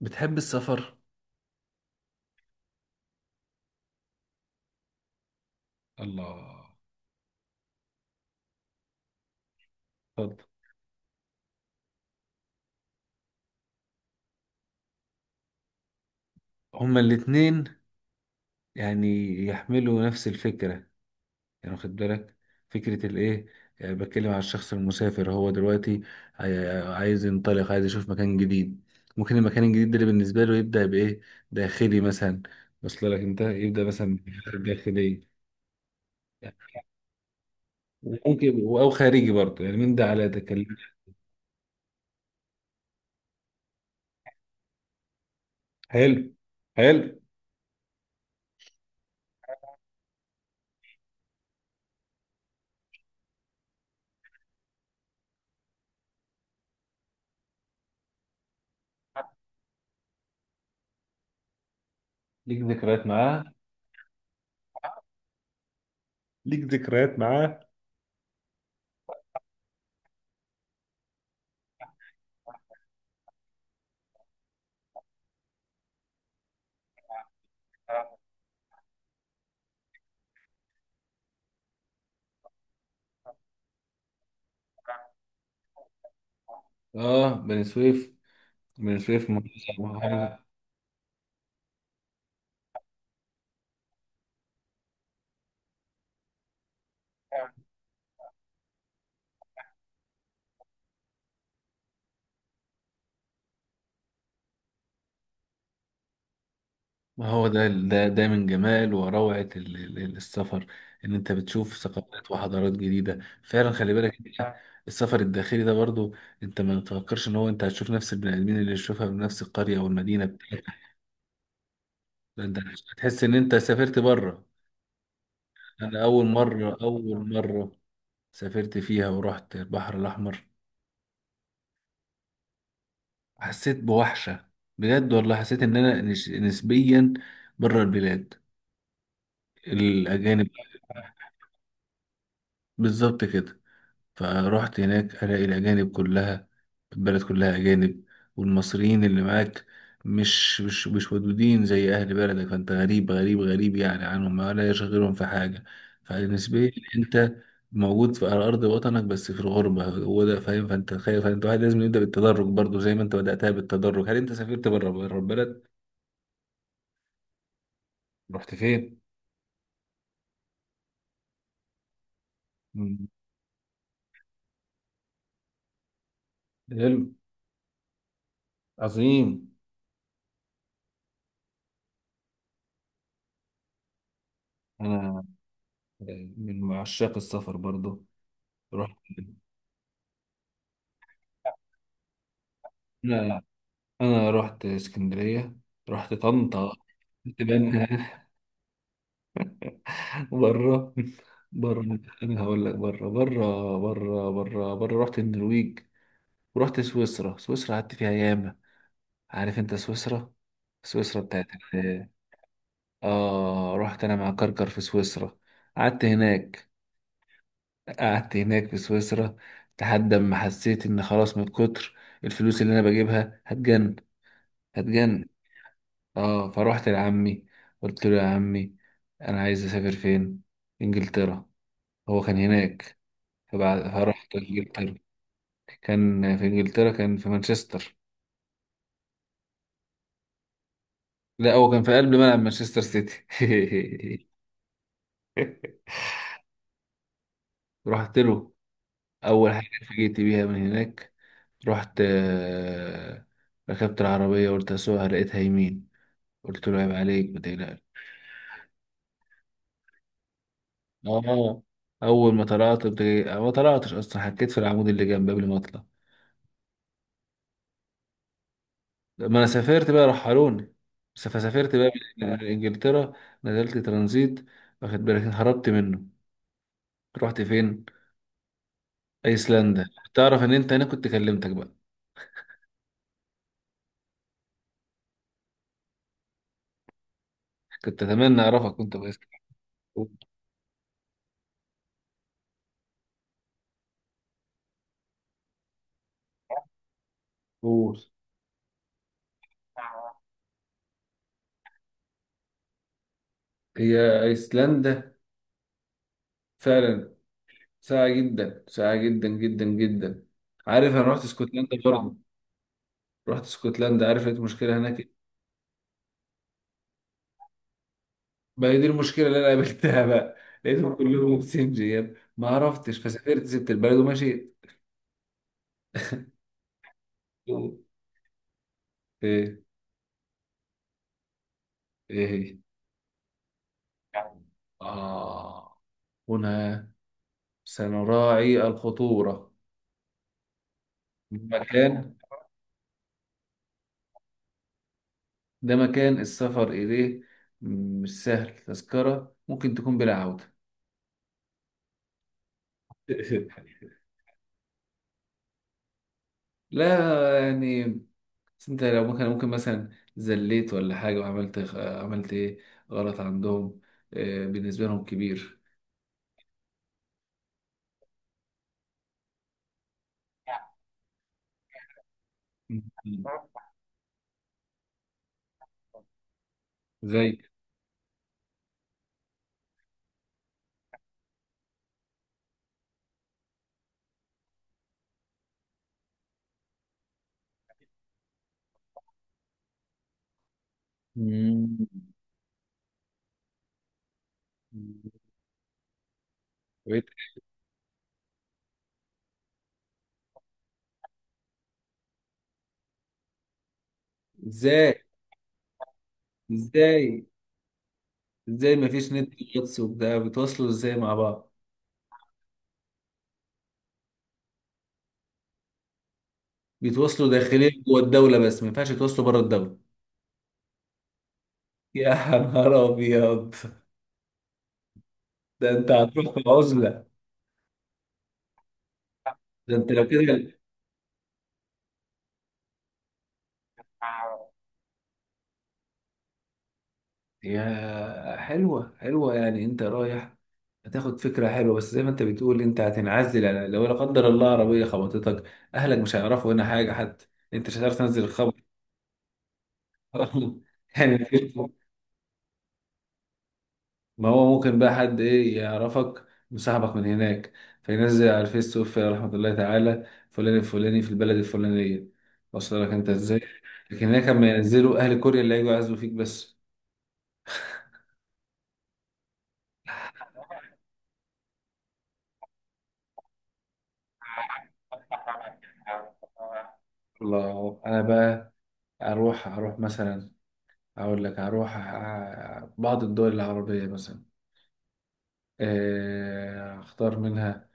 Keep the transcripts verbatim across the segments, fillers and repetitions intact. بتحب السفر؟ الله. اتفضل. هما الاتنين، يعني يحملوا نفس الفكرة، يعني واخد بالك فكرة الايه. آه، بتكلم على الشخص المسافر، هو دلوقتي عاي- عايز ينطلق، عايز يشوف مكان جديد. ممكن المكان الجديد ده اللي بالنسبة له يبدأ بإيه؟ داخلي مثلا، وصل لك انت؟ يبدأ مثلا بالحاجات الداخلية، يعني. وممكن أو خارجي برضه، يعني من ده على ده كلام. حلو، حلو. ليك ذكريات معاه؟ ليك ذكريات معاه؟ اه، بني سويف. بن سويف مميزة. ما هو، ما هو ده ده ده من جمال وروعة ال- ال- ال- السفر، ان انت بتشوف ثقافات وحضارات جديدة فعلا، خلي بالك إنت. السفر الداخلي ده برضو، انت ما تفكرش ان هو انت هتشوف نفس البني ادمين اللي تشوفها في نفس القرية او المدينة بتاعتك. ده انت هتحس ان انت سافرت بره. انا اول مرة، اول مرة سافرت فيها ورحت البحر الاحمر، حسيت بوحشة. بجد والله حسيت ان انا نش- نسبيا بره البلاد، الاجانب. بالظبط كده. فروحت هناك، الاقي الاجانب كلها، البلد كلها اجانب، والمصريين اللي معاك مش مش مش ودودين زي اهل بلدك، فانت غريب، غريب، غريب يعني عنهم، ما لا يشغلهم في حاجه. فبالنسبه لي انت موجود في على ارض وطنك، بس في الغربه هو ده، فاهم. فانت خايف، فانت واحد لازم يبدا بالتدرج برضو، زي ما انت بداتها بالتدرج. هل انت سافرت بره، بره البلد؟ رحت فين؟ مم. حلو. عظيم. أنا من عشاق السفر برضه. رحت، انا رحت اسكندريه، رحت طنطا. كنت بره، بره. انا هقول لك، بره بره بره بره بره. رحت النرويج ورحت سويسرا. سويسرا قعدت فيها ياما. عارف انت سويسرا؟ سويسرا بتاعت ال- اه، رحت انا مع كركر في سويسرا. قعدت هناك، قعدت هناك في سويسرا لحد ما حسيت ان خلاص، من كتر الفلوس اللي انا بجيبها هتجن، هتجن. اه، فروحت لعمي، قلت له يا عمي، انا عايز اسافر فين. انجلترا، هو كان هناك. فبعد فرحت انجلترا. كان في انجلترا، كان في مانشستر. لا، هو كان في قلب ملعب مانشستر سيتي. رحت له، اول حاجه فجيت بيها من هناك. رحت، آه، ركبت العربيه، قلت اسوقها، لقيتها يمين. قلت له عيب عليك، ما تقلقش. اه، اول ما طلعت بت- ما طلعتش اصلا، حكيت في العمود اللي جنب قبل ما اطلع. ما انا سافرت بقى، رحلوني، بس فسافرت بقى آه. من انجلترا نزلت ترانزيت، واخد بالك؟ هربت منه. رحت فين؟ ايسلندا. تعرف ان انت، انا كنت كلمتك بقى، كنت اتمنى اعرفك كنت في ايسلندا. أوه. هي ايسلندا فعلا ساعة جدا، ساعة جدا جدا جدا. عارف، انا رحت اسكتلندا برضه، رحت اسكتلندا، عارف لقيت مشكلة هناك إيه؟ ما هي دي المشكلة اللي انا قابلتها بقى، لقيتهم كلهم سنجياب، ما عرفتش، فسافرت، سبت البلد ومشيت. ايه؟ ايه هي؟ آه، هنا سنراعي الخطورة. مكان، ده مكان السفر إليه مش سهل، تذكرة ممكن تكون بلا عودة. لا يعني، بس انت لو ممكن، ممكن مثلا زليت ولا حاجة، وعملت، عملت ايه غلط عندهم، آه بالنسبة لهم كبير. مم. زي. مم. طب إيه؟ ازاي؟ ازاي ازاي مفيش نت واتس وبتاع؟ بيتواصلوا ازاي مع بعض؟ بيتواصلوا داخليا جوه الدولة، بس ما ينفعش يتواصلوا بره الدولة. يا نهار ابيض، ده انت هتروح في عزلة. ده انت لو كده، يا حلوة حلوة، يعني انت رايح هتاخد فكرة حلوة، بس زي ما انت بتقول انت هتنعزل، يعني لو لا قدر الله عربية خبطتك، اهلك مش هيعرفوا هنا حاجة حتى، انت مش هتعرف تنزل الخبر. يعني، ما هو ممكن بقى حد ايه يعرفك وصاحبك من هناك، فينزل على الفيس، توفي رحمة الله تعالى فلان الفلاني في البلد الفلانية، وصل لك انت ازاي. لكن هناك لما ينزلوا، اهل كوريا اللي هيجوا يعزوا فيك بس. الله، انا بقى اروح، اروح مثلا، اقول لك اروح ع- بعض الدول العربية مثلا، آه، اختار منها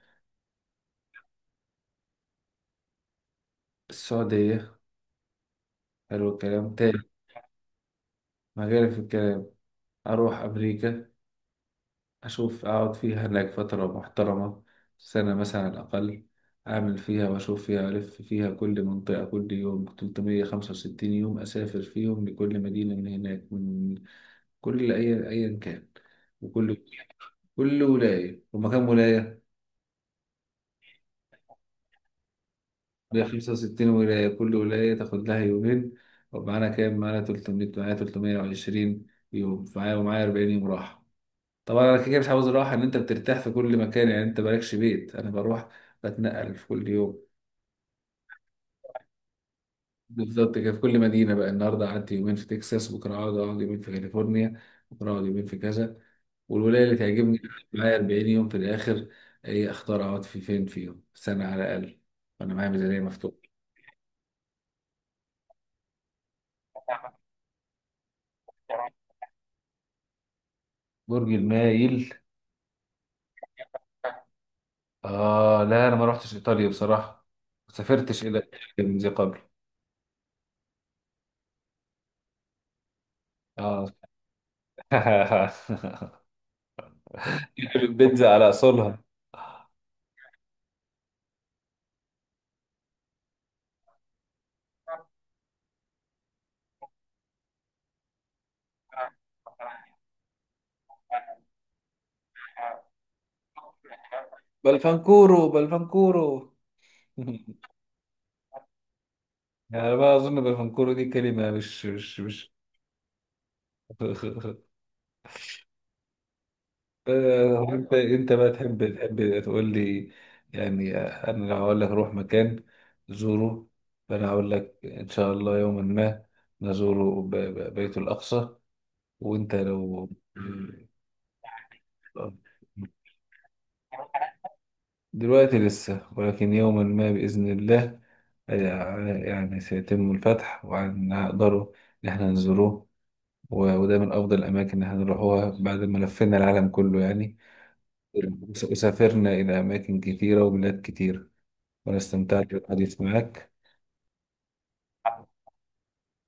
السعودية. حلو الكلام تاني، ما غير في الكلام، اروح امريكا، أشوف أقعد فيها هناك فترة محترمة، سنة مثلا على الأقل، أعمل فيها وأشوف فيها، ألف فيها كل منطقة، كل يوم ثلاثمية وخمسة وستين يوم، أسافر فيهم لكل مدينة من هناك، من كل، أي أيا كان، وكل، كل ولاية ومكان ولاية، ليا خمسة وستين ولاية، كل ولاية تاخد لها يومين. ومعانا كام؟ معانا تلتمية، معايا تلتمية وعشرين يوم معايا، ومعايا أربعين يوم راحة. طبعا انا كده كده مش عاوز راحه، ان انت بترتاح في كل مكان، يعني انت مالكش بيت، انا بروح، بتنقل في كل يوم. بالظبط كده، في كل مدينه بقى، النهارده قعدت يومين في تكساس، بكره اقعد، اقعد يومين في كاليفورنيا، بكره اقعد يومين في كذا، والولايه اللي تعجبني أقعد معايا أربعين يوم في الاخر، ايه اختار اقعد في فين فيهم، سنه على الاقل، وانا معايا ميزانيه مفتوحه. برج المايل. اه، لا انا ما رحتش ايطاليا بصراحه، ما سافرتش الى إيطاليا من ذي قبل. اه، البيتزا على اصولها. بلفنكورو، بلفنكورو. يعني بقى اظن بلفنكورو دي كلمه، مش مش مش. آه، انت انت بقى تحب تحب تقول لي، يعني. آه، انا لو هقول لك روح مكان زوره، فانا هقول لك ان شاء الله يوما ما نزور ب- ب- بيت الاقصى. وانت لو، دلوقتي لسه، ولكن يوما ما بإذن الله، آه، يعني سيتم الفتح وهنقدروا إن احنا نزوروه. و- وده من أفضل الأماكن، إن احنا نروحوها بعد ما لفينا العالم كله، يعني وس- وسافرنا إلى أماكن كتيرة وبلاد كتيرة، وأنا استمتعت بالحديث معك.